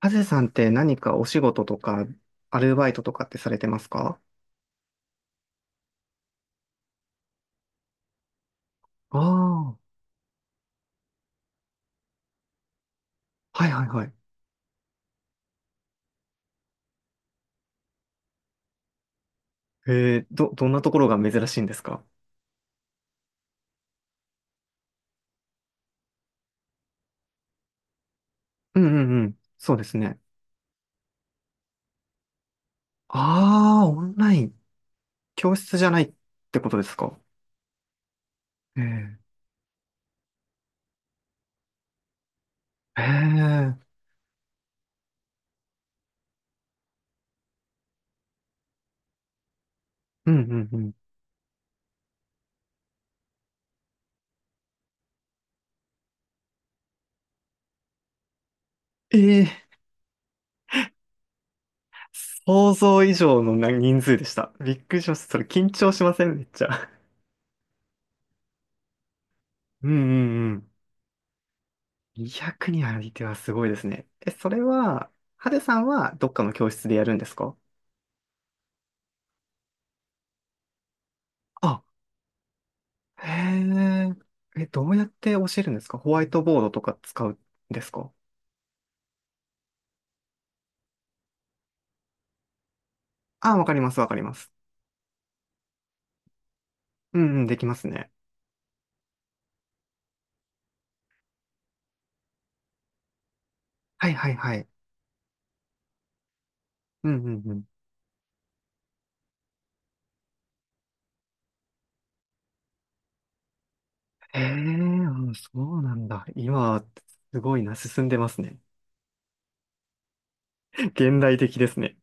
ハゼさんって何かお仕事とか、アルバイトとかってされてますか？ああー。はいはいはい。どんなところが珍しいんですか？うんうんうん。そうですね。ああ、オンライン。教室じゃないってことですか？ええ。ええ。うんうんうん。ええ、想像以上のな人数でした。びっくりしました。それ緊張しませんめっちゃ？うんうんうん。200人相手はすごいですね。え、それは、ハデさんはどっかの教室でやるんですか？あ、へえ。え、どうやって教えるんですか？ホワイトボードとか使うんですか？ああ、わかります、わかります。うんうん、できますね。はいはいはい。うんうんうん。へえ、あ、そうなんだ。今、すごいな、進んでますね。現代的ですね。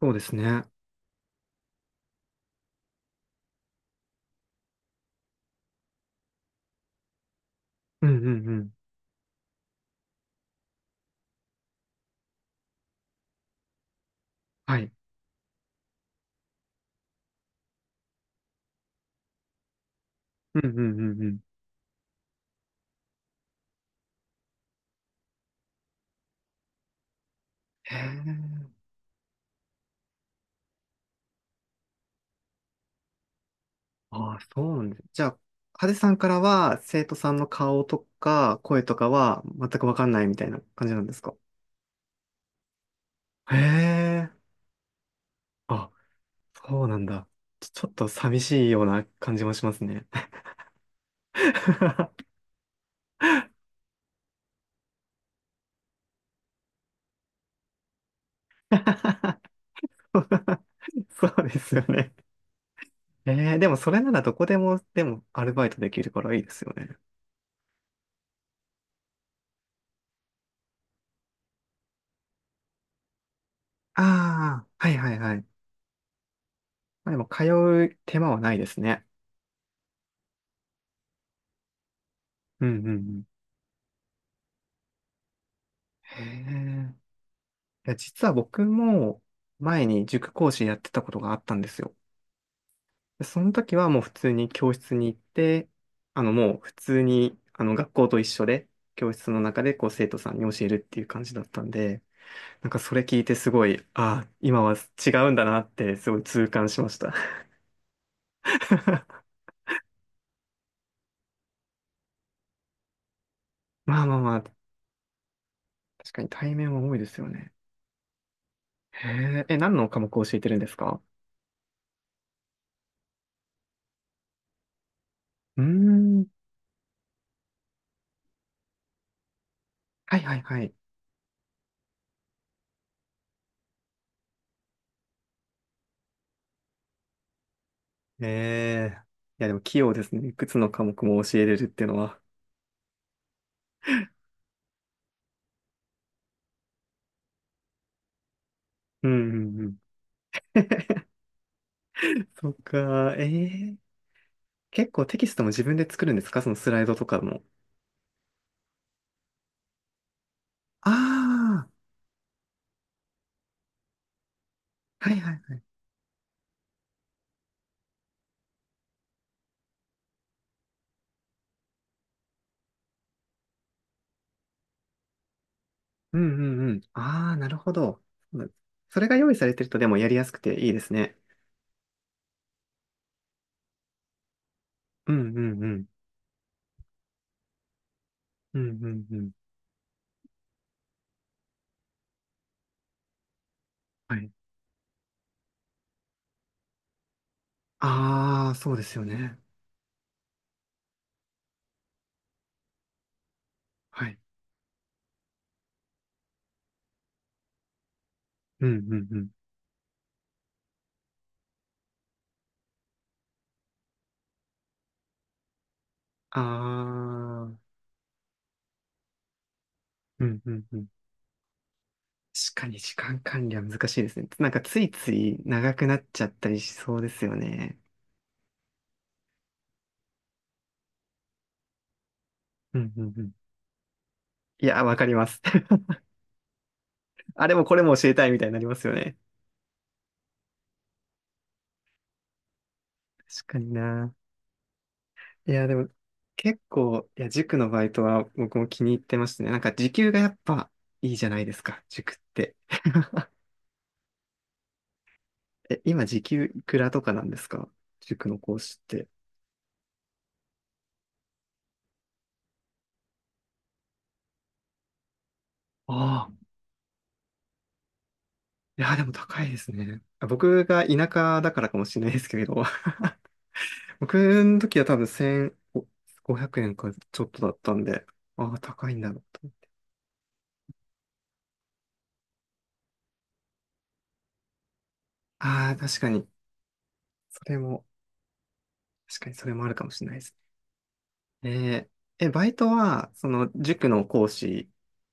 そうですね。うんうんうん。はい。うんうんうんうん。へえ。ああ、そうなんです。じゃあ、ハデさんからは、生徒さんの顔とか、声とかは、全くわかんないみたいな感じなんですか？へえ。あ、そうなんだ。ちょっと寂しいような感じもしますね。そうですよね。でもそれならどこでも、でもアルバイトできるからいいですよね。ああ、はいはいはい。まあ、でも通う手間はないですね。うんうんうん。へえ。いや、実は僕も前に塾講師やってたことがあったんですよ。でその時はもう普通に教室に行って、もう普通に学校と一緒で、教室の中でこう生徒さんに教えるっていう感じだったんで、なんかそれ聞いてすごい、ああ、今は違うんだなってすごい痛感しました。まあまあまあ、確かに対面は多いですよね。へえ、え、何の科目を教えてるんですか？うーん、はいはいはい。ええ、いやでも器用ですね。いくつの科目も教えれるっていうのは。うんうんうん。そっか、え結構テキストも自分で作るんですか？そのスライドとかも。ああ、はいはいはい。うんうんうん。ああ、なるほど。うん、それが用意されてるとでもやりやすくていいですね。うんうんうん。うんうんうん。はい。ああ、そうですよね。はい。うんうんうん。ああ、うんうんうん。確かに時間管理は難しいですね。なんかついつい長くなっちゃったりしそうですよね。うんうんうん。いや、わかります。あれもこれも教えたいみたいになりますよね。確かにな。いや、でも、結構、いや、塾のバイトは僕も気に入ってましたね。なんか、時給がやっぱいいじゃないですか、塾って。え、今、時給いくらとかなんですか？塾の講師って。ああ。いや、でも高いですね。あ、僕が田舎だからかもしれないですけれど、僕の時は多分1500円かちょっとだったんで、ああ、高いんだろうと。ああ、確かに。それも、確かにそれもあるかもしれないですね。えーえ、バイトは、塾の講師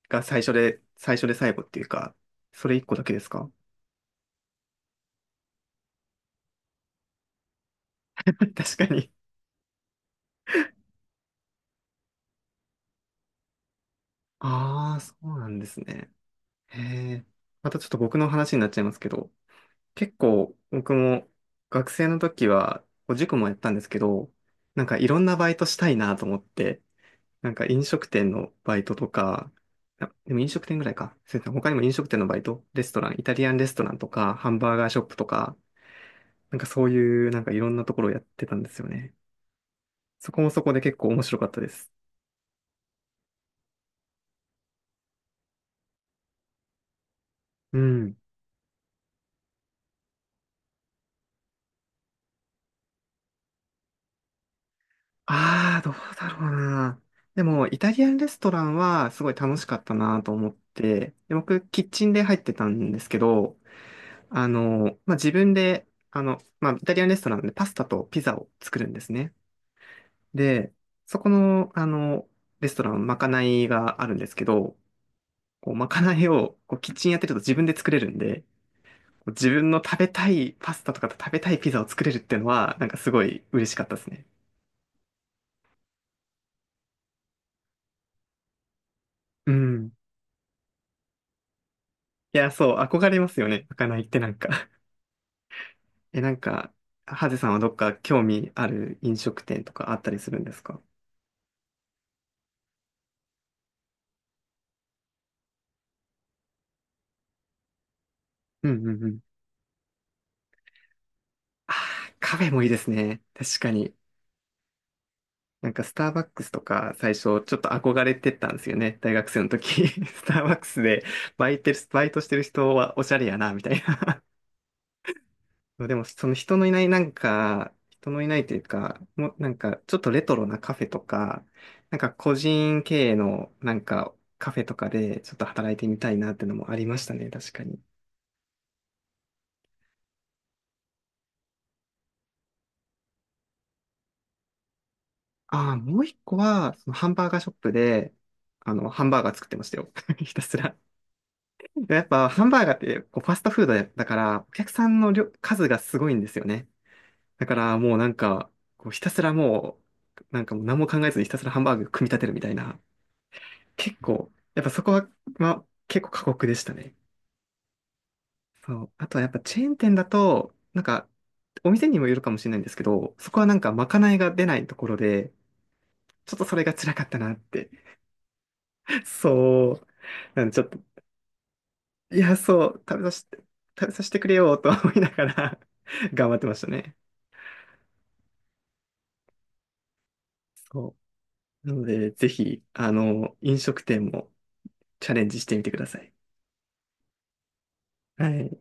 が最初で、最初で最後っていうか、それ一個だけですか？ 確かに。ああ、そうなんですね。へえ。またちょっと僕の話になっちゃいますけど、結構僕も学生の時は、こう塾もやったんですけど、なんかいろんなバイトしたいなと思って、なんか飲食店のバイトとか、あ、でも飲食店ぐらいか。そうですね。他にも飲食店のバイト、レストラン、イタリアンレストランとか、ハンバーガーショップとか、なんかそういうなんかいろんなところをやってたんですよね。そこもそこで結構面白かったです。うん。ああ、どうだろうな。でも、イタリアンレストランはすごい楽しかったなと思って、で、僕、キッチンで入ってたんですけど、まあ、自分で、まあ、イタリアンレストランでパスタとピザを作るんですね。で、そこの、レストラン、まかないがあるんですけど、こう、まかないを、こう、キッチンやってると自分で作れるんで、自分の食べたいパスタとか食べたいピザを作れるっていうのは、なんかすごい嬉しかったですね。うん。いや、そう、憧れますよね。まかないってなんか。 え、なんか、ハゼさんはどっか興味ある飲食店とかあったりするんですか？うんうんうん。ああ、カフェもいいですね。確かに。なんかスターバックスとか最初ちょっと憧れてたんですよね。大学生の時。スターバックスでバイトしてる人はおしゃれやな、みたいな。そう、でも、その人のいないなんか、人のいないというか、もうなんか、ちょっとレトロなカフェとか、なんか個人経営のなんかカフェとかでちょっと働いてみたいなっていうのもありましたね、確かに。ああ、もう一個は、そのハンバーガーショップで、ハンバーガー作ってましたよ。ひたすら。やっぱ、ハンバーガーってこうファストフードやだから、お客さんの量数がすごいんですよね。だから、もうなんか、こうひたすらもう、なんかもう何も考えずにひたすらハンバーグ組み立てるみたいな。結構、やっぱそこは、まあ、結構過酷でしたね。そう。あとはやっぱチェーン店だと、なんか、お店にもよるかもしれないんですけど、そこはなんかまかないが出ないところで、ちょっとそれが辛かったなって。そう。なんでちょっと、いや、そう、食べさせてくれよと思いながら。 頑張ってましたね。そう。なので、ぜひ、飲食店もチャレンジしてみてください。はい。